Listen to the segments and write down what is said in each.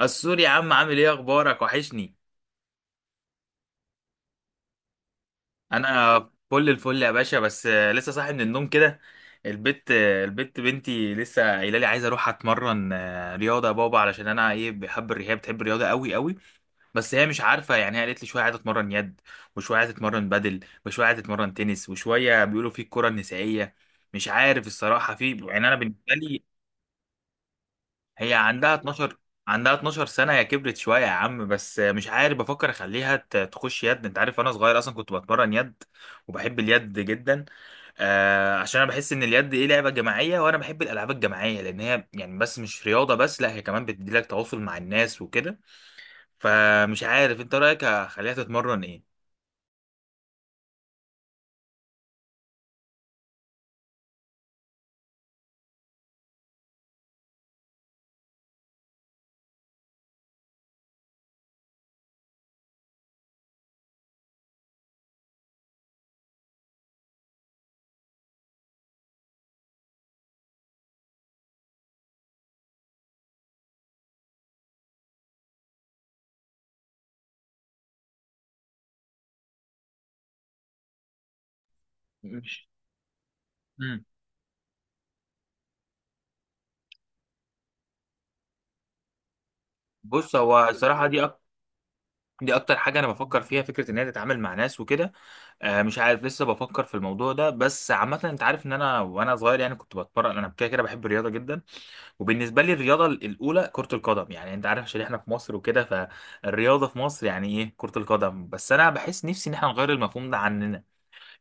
السوري يا عم، عامل ايه؟ اخبارك؟ وحشني. انا فل الفل يا باشا. بس لسه صاحي من النوم كده. البت بنتي لسه قايله لي عايزه اروح اتمرن رياضه يا بابا، علشان انا ايه بحب الرياضه، هي بتحب الرياضه قوي قوي. بس هي مش عارفه يعني. هي قالت لي شويه عايزه اتمرن يد، وشويه عايزه اتمرن بدل، وشويه عايزه اتمرن تنس، وشويه بيقولوا في الكره النسائيه. مش عارف الصراحه، في يعني انا بالنسبه لي. هي عندها 12 سنة. هي كبرت شوية يا عم. بس مش عارف بفكر اخليها تخش يد. انت عارف انا صغير اصلا كنت بتمرن يد، وبحب اليد جدا. عشان انا بحس ان اليد ايه لعبة جماعية، وانا بحب الالعاب الجماعية، لان هي يعني بس مش رياضة بس، لا، هي كمان بتديلك تواصل مع الناس وكده. فمش عارف، انت رأيك اخليها تتمرن ايه؟ مش مم. بص، هو الصراحة دي اكتر حاجه انا بفكر فيها، فكره ان هي تتعامل مع ناس وكده. مش عارف، لسه بفكر في الموضوع ده. بس عامه، انت عارف ان انا وانا صغير يعني كنت بتمرن، انا كده كده بحب الرياضه جدا. وبالنسبه لي، الرياضه الاولى كره القدم، يعني انت عارف عشان احنا في مصر وكده. فالرياضه في مصر يعني ايه، كره القدم. بس انا بحس نفسي ان احنا نغير المفهوم ده عننا.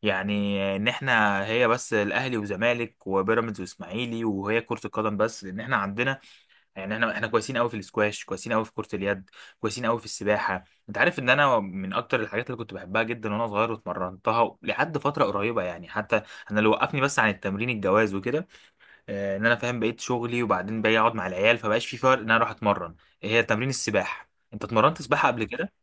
يعني ان احنا هي بس الاهلي وزمالك وبيراميدز واسماعيلي وهي كره القدم بس، لان احنا عندنا يعني، احنا كويسين قوي في الاسكواش، كويسين قوي في كرة اليد، كويسين قوي في السباحة. انت عارف ان انا من اكتر الحاجات اللي كنت بحبها جدا وانا صغير، واتمرنتها لحد فترة قريبة يعني. حتى انا اللي وقفني بس عن التمرين الجواز وكده. ان انا فاهم بقيت شغلي وبعدين باجي اقعد مع العيال، فبقاش في فرق ان انا اروح اتمرن. هي تمرين السباحة، انت اتمرنت سباحة قبل كده؟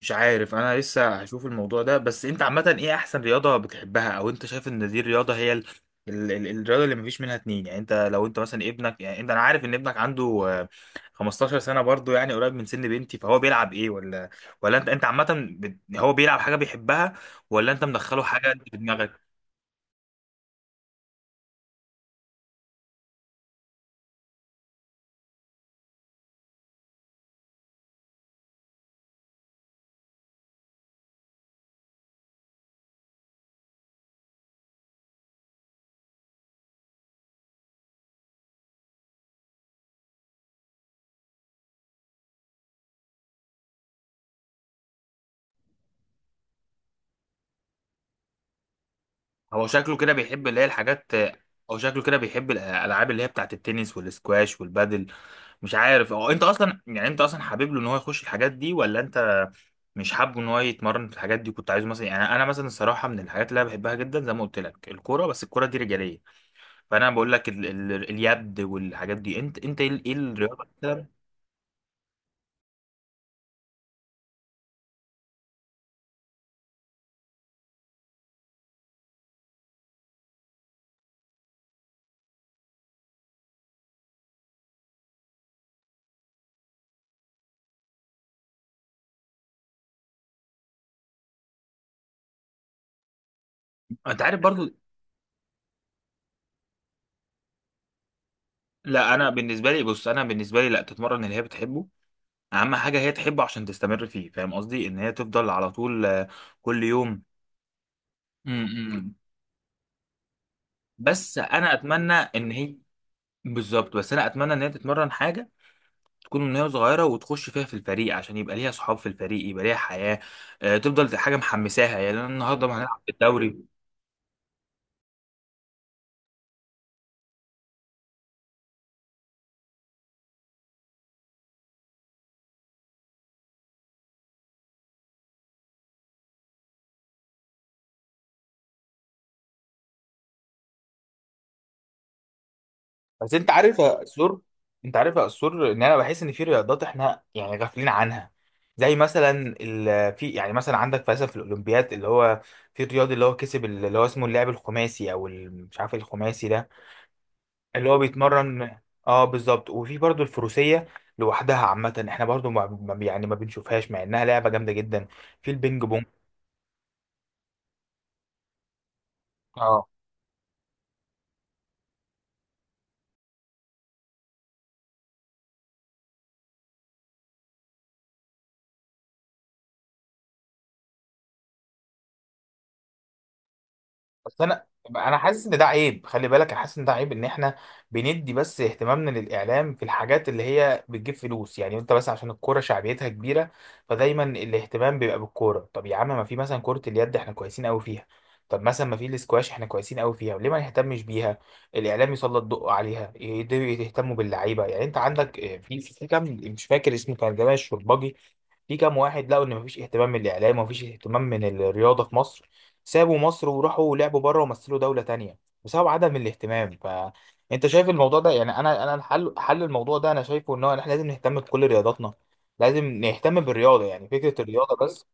مش عارف، انا لسه هشوف الموضوع ده. بس انت عامة ايه احسن رياضة بتحبها، او انت شايف ان دي الرياضة هي الرياضة اللي مفيش منها اتنين؟ يعني انت لو انت مثلا ابنك، يعني انت انا عارف ان ابنك عنده آه، 15 سنة، برضو يعني قريب من سن بنتي، فهو بيلعب ايه؟ ولا ولا انت عامة هو بيلعب حاجة بيحبها، ولا انت مدخله حاجة انت في دماغك؟ هو شكله كده بيحب اللي هي الحاجات هو شكله كده بيحب الالعاب اللي هي بتاعت التنس والسكواش والبادل. مش عارف هو، انت اصلا يعني انت اصلا حابب له ان هو يخش الحاجات دي، ولا انت مش حابه ان هو يتمرن في الحاجات دي؟ كنت عايزه مثلا، يعني انا مثلا الصراحه من الحاجات اللي انا بحبها جدا زي ما قلت لك الكوره، بس الكوره دي رجاليه. فانا بقول لك اليد والحاجات دي. انت ايه إيه الرياضه مثلا؟ انت عارف برضو، لا، انا بالنسبه لي، بص انا بالنسبه لي، لا، تتمرن اللي هي بتحبه، اهم حاجه هي تحبه عشان تستمر فيه. فاهم قصدي؟ ان هي تفضل على طول كل يوم. م- م- م. بس انا اتمنى ان هي بالظبط، بس انا اتمنى ان هي تتمرن حاجه، تكون من هي صغيرة، وتخش فيها في الفريق عشان يبقى ليها صحاب في الفريق، يبقى ليها حياة تفضل حاجة محمساها. يعني أنا النهاردة ما هنلعب في الدوري. بس انت عارف يا أسطور انت عارف يا أسطور ان انا بحس ان في رياضات احنا يعني غافلين عنها، زي مثلا في يعني مثلا عندك مثلا في الاولمبياد اللي هو، في الرياضي اللي هو كسب اللي هو اسمه اللاعب الخماسي او مش عارف إيه الخماسي ده، اللي هو بيتمرن. اه بالظبط. وفي برضو الفروسيه لوحدها عامه، احنا برضو يعني ما بنشوفهاش مع انها لعبه جامده جدا. في البينج بونج. اه، بس انا حاسس ان ده عيب، خلي بالك، انا حاسس ان ده عيب ان احنا بندي بس اهتمامنا للاعلام في الحاجات اللي هي بتجيب فلوس. يعني انت بس عشان الكوره شعبيتها كبيره، فدايما الاهتمام بيبقى بالكوره. طب يا عم، ما في مثلا كره اليد احنا كويسين قوي فيها، طب مثلا ما في الاسكواش احنا كويسين قوي فيها، ليه ما نهتمش بيها؟ الاعلام يسلط ضوء عليها، يهتموا باللعيبه. يعني انت عندك في كام، مش فاكر اسمه، كان جمال الشربجي، في كام واحد لقوا ان مفيش اهتمام من الاعلام ومفيش اهتمام من الرياضه في مصر، سابوا مصر وراحوا لعبوا بره ومثلوا دولة تانية بسبب عدم الاهتمام. فانت شايف الموضوع ده؟ يعني انا حل الموضوع ده انا شايفه ان هو إن احنا لازم نهتم بكل رياضاتنا، لازم نهتم بالرياضة، يعني فكرة الرياضة بس.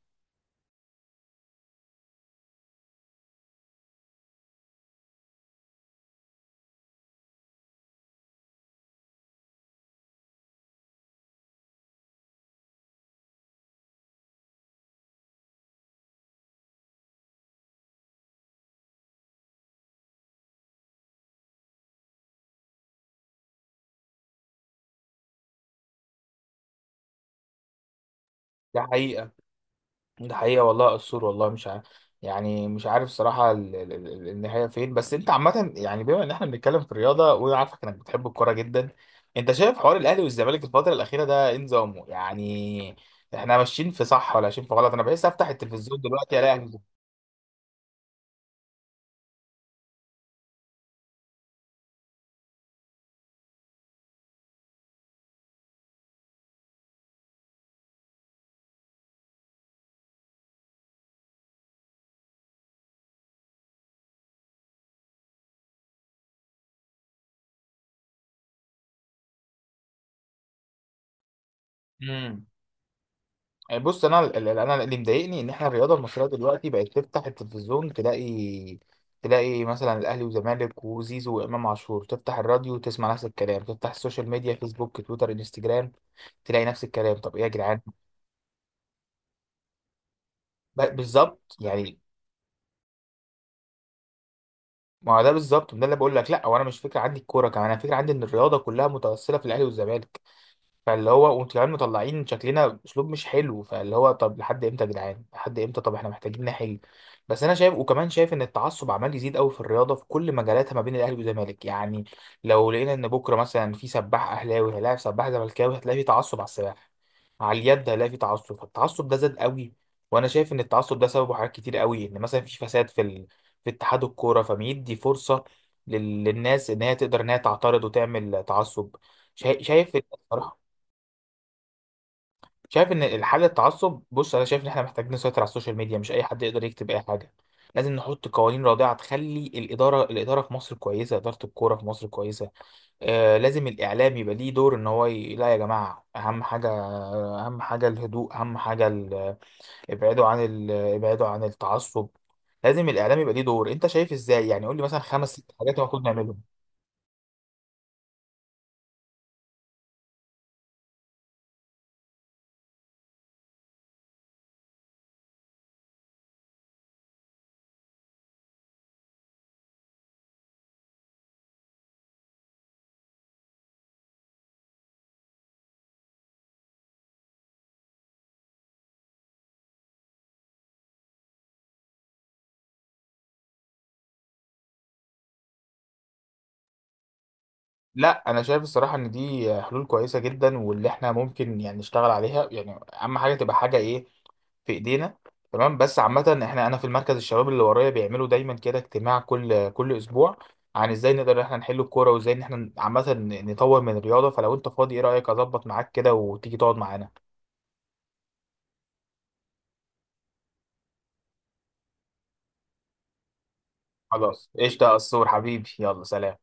ده حقيقة، ده حقيقة والله السور. والله مش يعني مش عارف صراحة النهاية فين. بس انت عامة، يعني بما ان احنا بنتكلم في الرياضة وانا عارفك انك بتحب الكورة جدا، انت شايف حوار الاهلي والزمالك الفترة الأخيرة ده ايه نظامه؟ يعني احنا ماشيين في صح ولا ماشيين في غلط؟ انا بحس افتح التلفزيون دلوقتي الاقي. امم بص، انا اللي مضايقني ان احنا الرياضه المصريه دلوقتي بقت، تفتح التلفزيون تلاقي، تلاقي مثلا الاهلي وزمالك وزيزو وامام عاشور، تفتح الراديو تسمع نفس الكلام، تفتح السوشيال ميديا فيسبوك تويتر انستجرام، تلاقي نفس الكلام. طب ايه يا جدعان؟ بالظبط. يعني ما هو ده بالظبط، ده اللي بقول لك، لا، وانا مش فكره عندي الكوره كمان، انا فكره عندي ان الرياضه كلها متوصله في الاهلي والزمالك، فاللي هو وانتوا كمان مطلعين شكلنا اسلوب مش حلو، فاللي هو طب لحد امتى يا جدعان؟ لحد امتى؟ طب احنا محتاجين نحل. بس انا شايف، وكمان شايف ان التعصب عمال يزيد قوي في الرياضه في كل مجالاتها ما بين الاهلي والزمالك. يعني لو لقينا ان بكره مثلا في سباح اهلاوي هيلاعب سباح زملكاوي، هتلاقي في تعصب على السباح، على اليد هيلاقي في تعصب. فالتعصب ده زاد قوي. وانا شايف ان التعصب ده سببه حاجات كتير قوي. ان مثلا في فساد في في اتحاد الكوره، فبيدي فرصه للناس ان هي تقدر ان هي تعترض وتعمل تعصب. شايف شايف إن- بصراحه، شايف ان الحل التعصب، بص انا شايف ان احنا محتاجين نسيطر على السوشيال ميديا، مش اي حد يقدر يكتب اي حاجه. لازم نحط قوانين رادعه تخلي الاداره في مصر كويسه، اداره الكوره في مصر كويسه. آه، لازم الاعلام يبقى ليه دور، ان هو لا يا جماعه، اهم حاجه، اهم حاجه الهدوء، اهم حاجه ابعدوا عن ابعدوا عن التعصب. لازم الاعلام يبقى ليه دور. انت شايف ازاي يعني؟ قول لي مثلا خمس ست حاجات المفروض نعملهم. لا، انا شايف الصراحه ان دي حلول كويسه جدا واللي احنا ممكن يعني نشتغل عليها. يعني اهم حاجه تبقى حاجه ايه؟ في ايدينا. تمام. بس عامة انا في المركز الشباب اللي ورايا بيعملوا دايما كده اجتماع كل اسبوع، عن ازاي نقدر إن احنا نحل الكورة، وازاي ان احنا عامة نطور من الرياضة. فلو انت فاضي، ايه رأيك اظبط معاك كده وتيجي تقعد معانا؟ خلاص قشطة يا قصور حبيبي. يلا سلام.